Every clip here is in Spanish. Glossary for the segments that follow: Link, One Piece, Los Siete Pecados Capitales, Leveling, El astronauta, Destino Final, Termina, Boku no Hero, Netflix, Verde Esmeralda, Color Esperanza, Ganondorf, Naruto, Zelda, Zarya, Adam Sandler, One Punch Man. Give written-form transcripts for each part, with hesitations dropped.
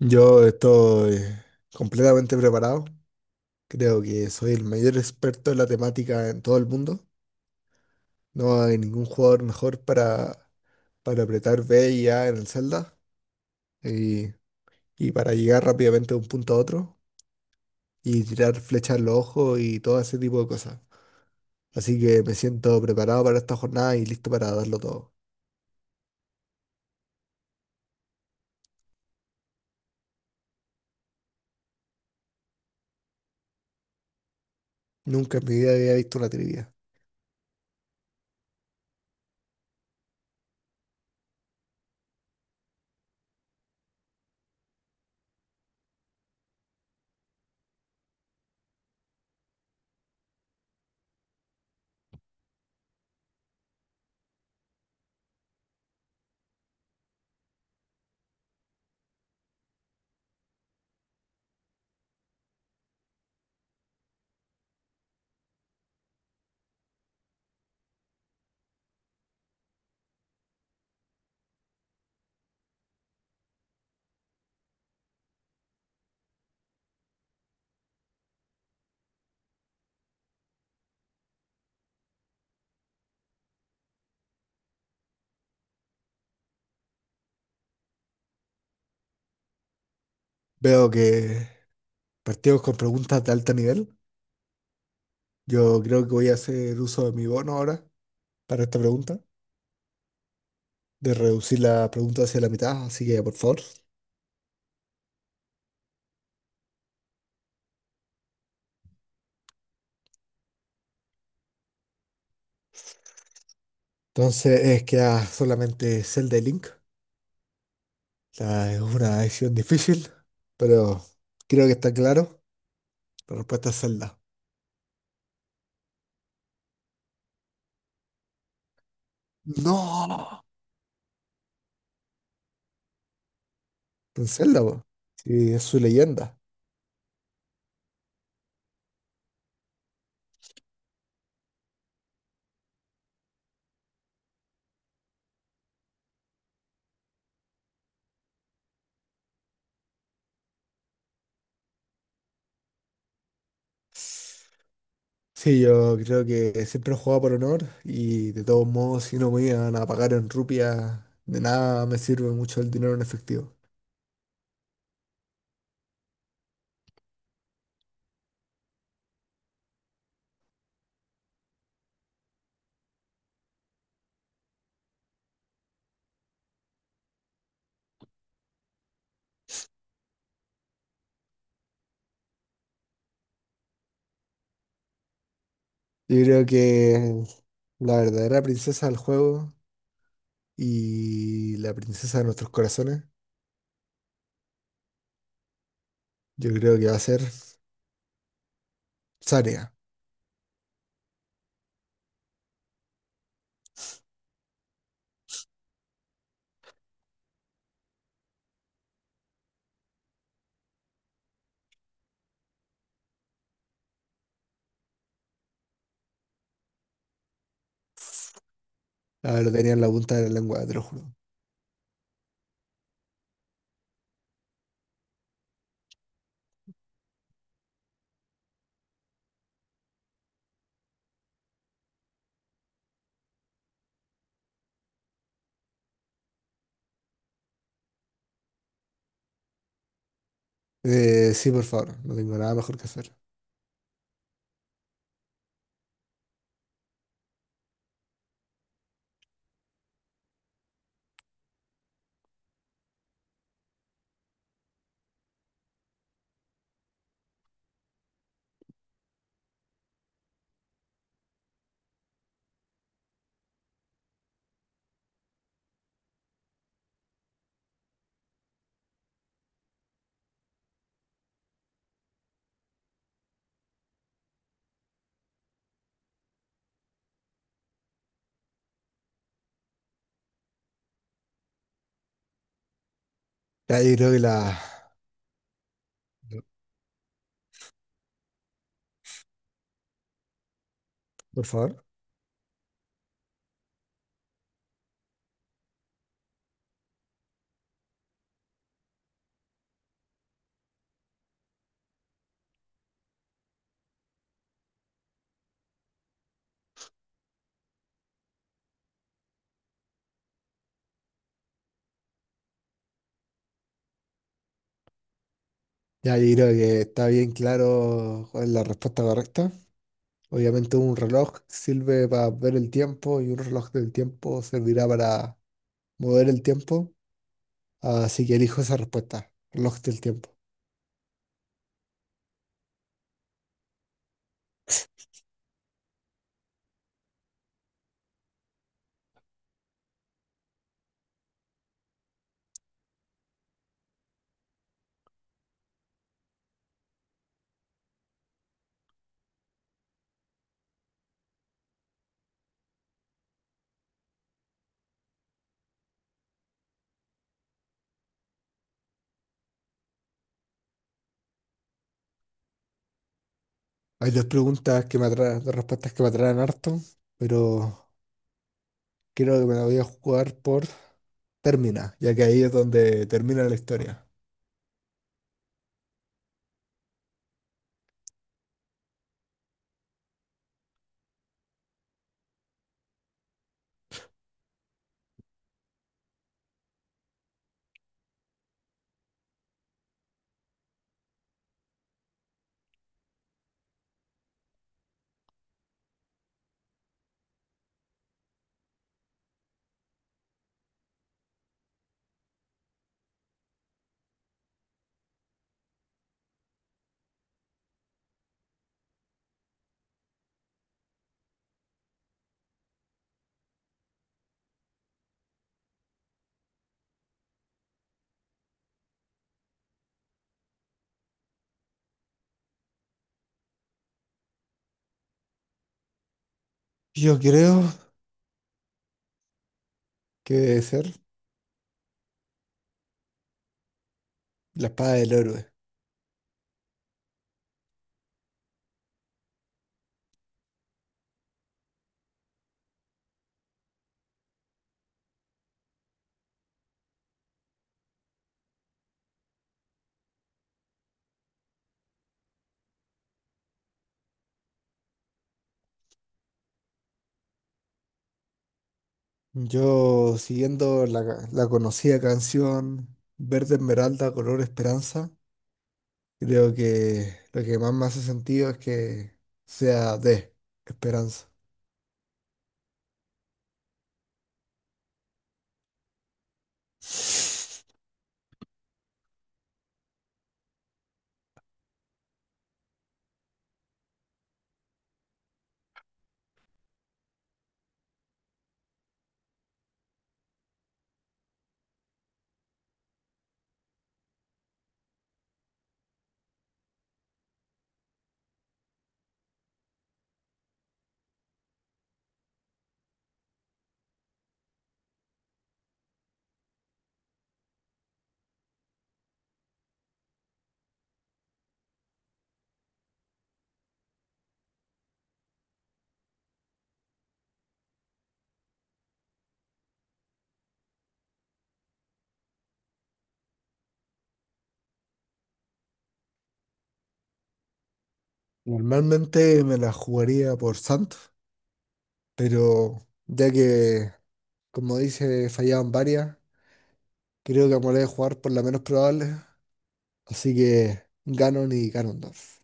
Yo estoy completamente preparado. Creo que soy el mayor experto en la temática en todo el mundo. No hay ningún jugador mejor para apretar B y A en el Zelda y, y para llegar rápidamente de un punto a otro y tirar flechas en los ojos y todo ese tipo de cosas. Así que me siento preparado para esta jornada y listo para darlo todo. Nunca en mi vida había visto una trivia. Veo que partimos con preguntas de alto nivel. Yo creo que voy a hacer uso de mi bono ahora para esta pregunta, de reducir la pregunta hacia la mitad, así que por favor. Entonces es queda solamente Zelda y Link. O sea, es una decisión difícil, pero creo que está claro. La respuesta es Zelda. ¡No! En Zelda, po. Sí, es su leyenda. Sí, yo creo que siempre he jugado por honor y de todos modos, si no me iban a pagar en rupias, de nada me sirve mucho el dinero en efectivo. Yo creo que la verdadera princesa del juego y la princesa de nuestros corazones, yo creo que va a ser Zarya. Ah, lo tenía en la punta de la lengua, te lo juro. Sí, por favor, no tengo nada mejor que hacer. Ya, yo creo que la... Por favor. Ya, yo creo que está bien claro cuál es la respuesta correcta. Obviamente un reloj sirve para ver el tiempo y un reloj del tiempo servirá para mover el tiempo. Así que elijo esa respuesta, reloj del tiempo. Hay dos preguntas que me atraen, dos respuestas que me atraen harto, pero creo que me la voy a jugar por Termina, ya que ahí es donde termina la historia. Yo creo que debe ser la espada del héroe. Yo, siguiendo la, la conocida canción Verde Esmeralda, Color Esperanza, creo que lo que más me hace sentido es que sea de Esperanza. Normalmente me la jugaría por Santos, pero ya que, como dice, fallaban varias, creo que me la voy a jugar por la menos probable, así que Ganon y Ganondorf.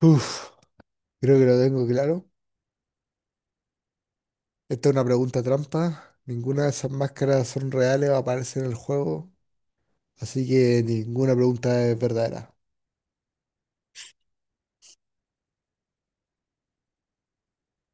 Uf, creo que lo tengo claro. Esta es una pregunta trampa. Ninguna de esas máscaras son reales o aparecen en el juego. Así que ninguna pregunta es verdadera.